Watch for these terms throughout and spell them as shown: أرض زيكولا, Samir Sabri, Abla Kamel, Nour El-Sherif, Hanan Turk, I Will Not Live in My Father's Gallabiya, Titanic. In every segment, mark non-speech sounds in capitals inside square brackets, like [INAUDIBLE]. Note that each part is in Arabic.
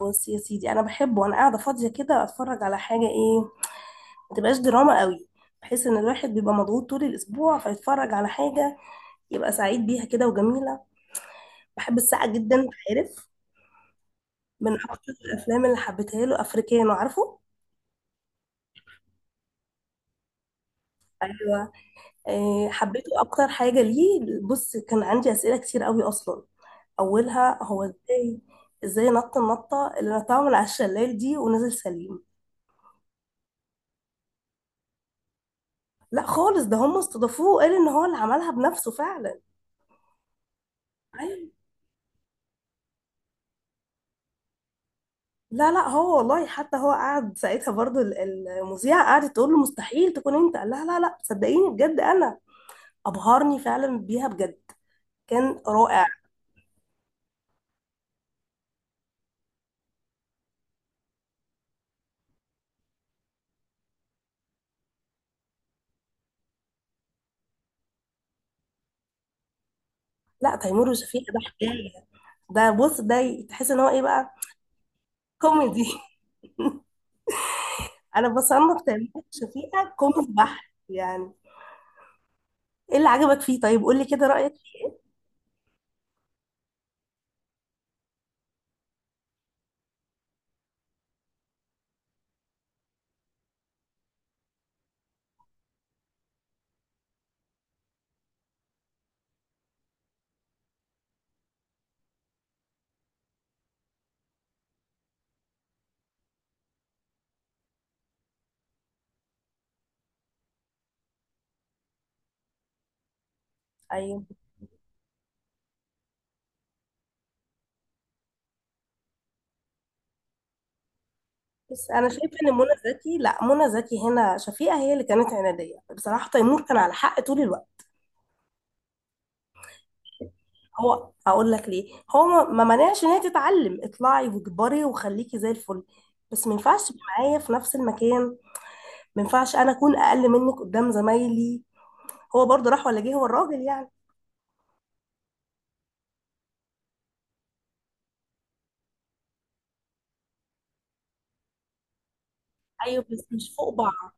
بص يا سيدي، انا بحب وانا قاعده فاضيه كده اتفرج على حاجه، ايه؟ ما تبقاش دراما قوي، بحيث ان الواحد بيبقى مضغوط طول الاسبوع فيتفرج على حاجه يبقى سعيد بيها كده وجميله. بحب الساعه جدا، أنت عارف. من اكتر الافلام اللي حبيتها له افريكانو، عارفه. ايوه. إيه، حبيته اكتر حاجه ليه؟ بص، كان عندي اسئله كتير قوي اصلا. اولها، هو ازاي نط النطه اللي نطها من على الشلال دي ونزل سليم؟ لا خالص، ده هم استضافوه وقال ان هو اللي عملها بنفسه فعلا. أيوة. لا لا، هو والله، حتى هو قعد ساعتها برضو المذيعة قعدت تقول له مستحيل تكون انت، قال لها لا لا صدقيني بجد انا. ابهرني فعلا بيها بجد، كان رائع. لا، تيمور وشفيقة ده حكاية. ده بص، ده تحس ان هو ايه بقى، كوميدي. [LAUGHS] انا بصنف تيمور وشفيقة كوميدي بحت يعني. ايه اللي عجبك فيه؟ طيب قول لي كده رأيك. ايوه، بس انا شايفه ان منى زكي، لا، منى زكي هنا شفيقة هي اللي كانت عنادية، بصراحة تيمور كان على حق طول الوقت. هو، اقول لك ليه، هو ما مانعش ان هي تتعلم، اطلعي واكبري وخليكي زي الفل، بس ما ينفعش تبقي معايا في نفس المكان. ما ينفعش انا اكون اقل منك قدام زمايلي، هو برضه راح ولا جه هو الراجل يعني. ايوه بس مش فوق بعض.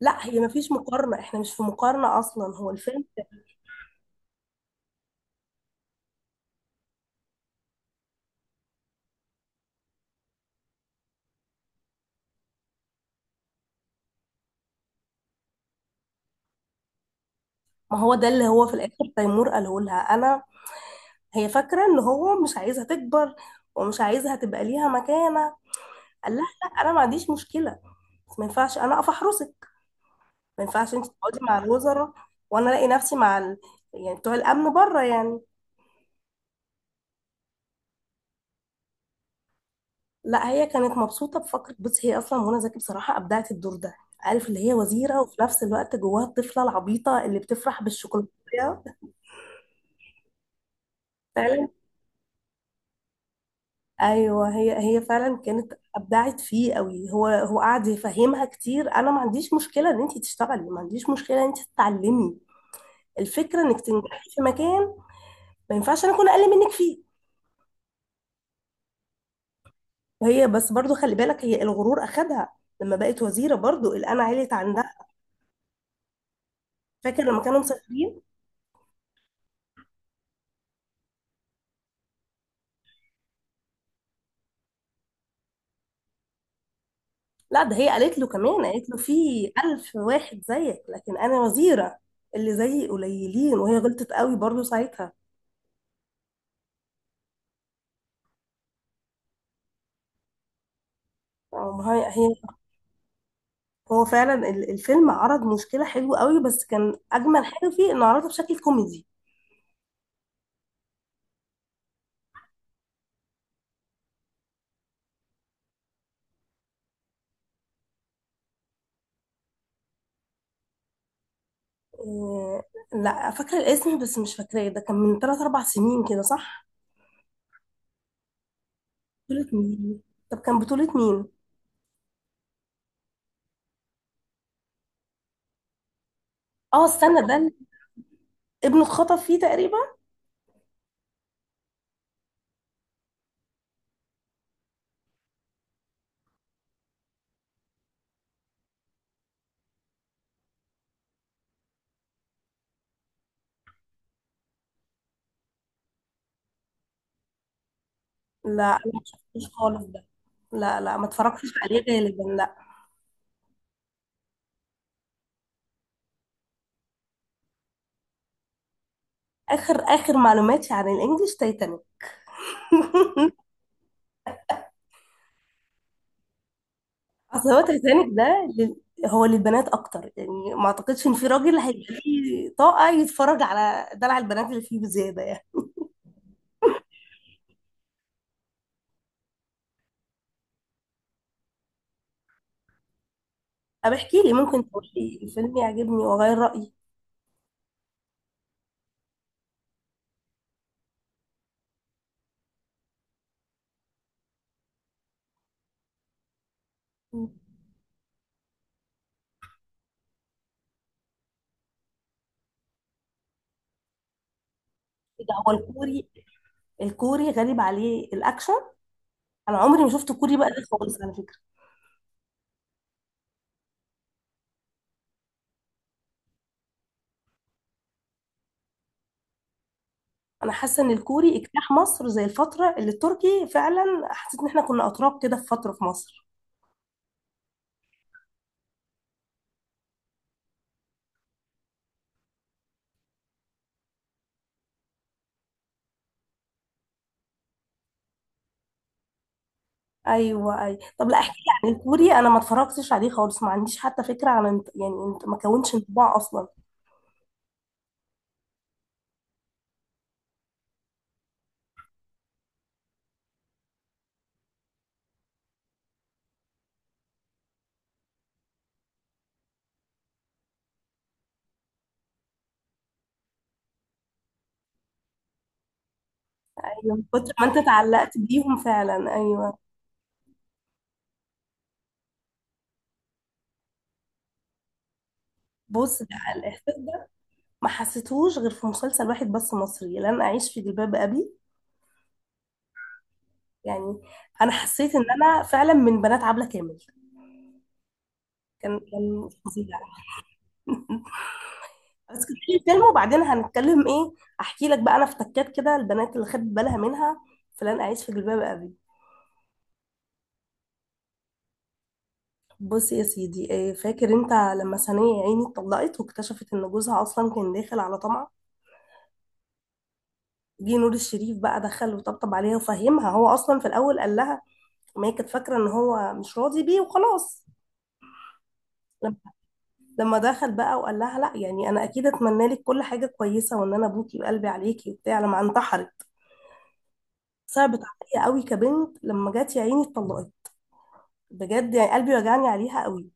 لا، هي ما فيش مقارنه، احنا مش في مقارنه اصلا، هو الفيلم ما هو ده اللي هو في الاخر تيمور قاله لها، انا. هي فاكره ان هو مش عايزها تكبر ومش عايزها تبقى ليها مكانه، قال لها لا، انا ما عنديش مشكله، بس ما ينفعش انا اقف احرسك، ما ينفعش انت تقعدي مع الوزراء وانا الاقي نفسي مع ال... يعني بتوع الامن بره يعني. لا، هي كانت مبسوطه بفكره. بصي، هي اصلا منى زكي بصراحه ابدعت الدور ده، عارف، اللي هي وزيره وفي نفس الوقت جواها الطفله العبيطه اللي بتفرح بالشوكولاته. فعلا. ايوه، هي فعلا كانت ابدعت فيه قوي. هو قعد يفهمها كتير: انا ما عنديش مشكله ان انت تشتغلي، ما عنديش مشكله ان انت تتعلمي، الفكره انك تنجحي في مكان، ما ينفعش انا اكون اقل منك فيه. وهي بس برضو خلي بالك، هي الغرور اخدها لما بقت وزيره، برضو القلعه عليت عندها. فاكر لما كانوا مسافرين؟ لا، ده هي قالت له كمان قالت له: في ألف واحد زيك لكن انا وزيره، اللي زيي قليلين. وهي غلطت قوي برضو ساعتها. آه، ما هي. هو فعلا الفيلم عرض مشكله حلوه قوي، بس كان اجمل حاجه فيه انه عرضها بشكل كوميدي. آه، لا فاكره الاسم بس مش فاكراه، ده كان من 3 4 سنين كده، صح؟ بطوله مين؟ طب كان بطوله مين؟ اه استنى، ده ابنه اتخطف فيه تقريبا. لا انا ما شفتوش خالص ده، لا لا ما اتفرجتش عليه غالبا، لا. اخر اخر معلوماتي عن الانجليش تايتانيك. [LAUGHS] اصل هو تايتانيك ده لل... هو للبنات اكتر يعني، ما اعتقدش ان في راجل هيبقى ليه طاقه يتفرج على دلع البنات اللي فيه بزياده يعني. طب احكي لي، ممكن تقول لي الفيلم يعجبني واغير رايي. ده هو الكوري، الكوري غريب عليه الاكشن، انا عمري ما شفت كوري بقى ده خالص على فكره. انا حاسه ان الكوري اجتاح مصر زي الفتره اللي التركي، فعلا حسيت ان احنا كنا اتراك كده في فتره في مصر. ايوه اي، طب لا احكي لي عن الكوري، انا ما اتفرجتش عليه خالص، ما عنديش حتى فكره عن يعني انت ما كونش انطباع اصلا. ايوه، من كتر ما انت اتعلقت بيهم فعلا، ايوه. بص ده، الاحساس ده ما حسيتهوش غير في مسلسل واحد بس، مصري، لن اعيش في جلباب ابي يعني. انا حسيت ان انا فعلا من بنات عبله كامل، كان فظيع. بس كنت في الفيلم، وبعدين هنتكلم ايه؟ احكي لك بقى، انا افتكرت كده البنات اللي خدت بالها منها، فلان، اعيش في جلباب ابي. بص يا سيدي، إيه فاكر انت لما سنية يا عيني اتطلقت واكتشفت ان جوزها اصلا كان داخل على طمع؟ جه نور الشريف بقى دخل وطبطب عليها وفهمها، هو اصلا في الاول قال لها، ما هي كانت فاكره ان هو مش راضي بيه وخلاص. لما لما دخل بقى وقال لها لا، يعني انا اكيد اتمنى لك كل حاجه كويسه، وان انا ابوكي وقلبي عليكي وبتاع، لما انتحرت صعبت عليا قوي كبنت، لما جت يا عيني اتطلقت بجد، يعني قلبي وجعني عليها قوي.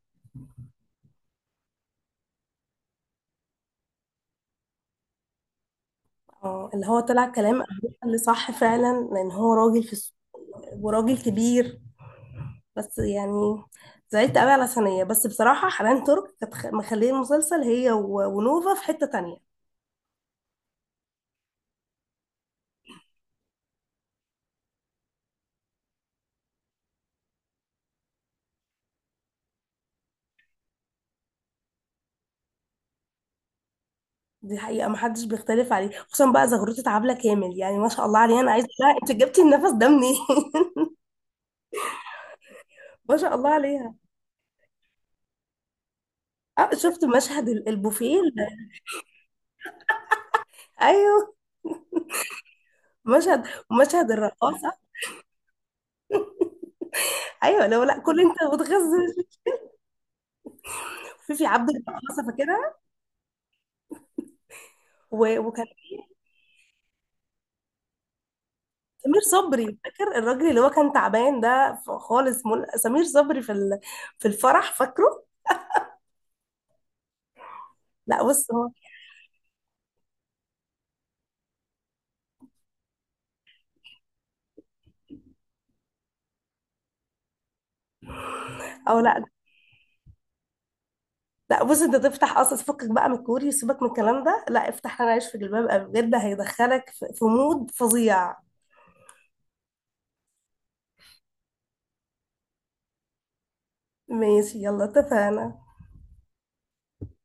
اه، اللي هو طلع كلام أبوها اللي صح فعلا، لان هو راجل في السوق وراجل كبير، بس يعني زعلت قوي على ثانية. بس بصراحة حنان ترك كانت مخليه المسلسل، هي ونوفا، في حتة تانية. دي حقيقة محدش بيختلف عليه، خصوصا بقى زغروتة عبلة كامل، يعني ما شاء الله عليها، انا عايزة بقى انت جبتي النفس ده منين؟ [LAUGHS] ما شاء الله عليها. اه، شفت مشهد البوفيه ايوه، مشهد مشهد الرقاصة. ايوه، لو لا كل انت بتغزل في عبد الرحمن فاكرها؟ وكان سمير صبري، فاكر الراجل اللي هو كان تعبان ده خالص، سمير صبري في في الفرح فاكره؟ لا بص هو، او لا، لا بص انت تفتح اصلا فكك بقى من الكوري، سيبك من الكلام ده، لا افتح انا عايش في جلباب ابي بجد، هيدخلك في مود فظيع. ماشي يلا، اتفقنا.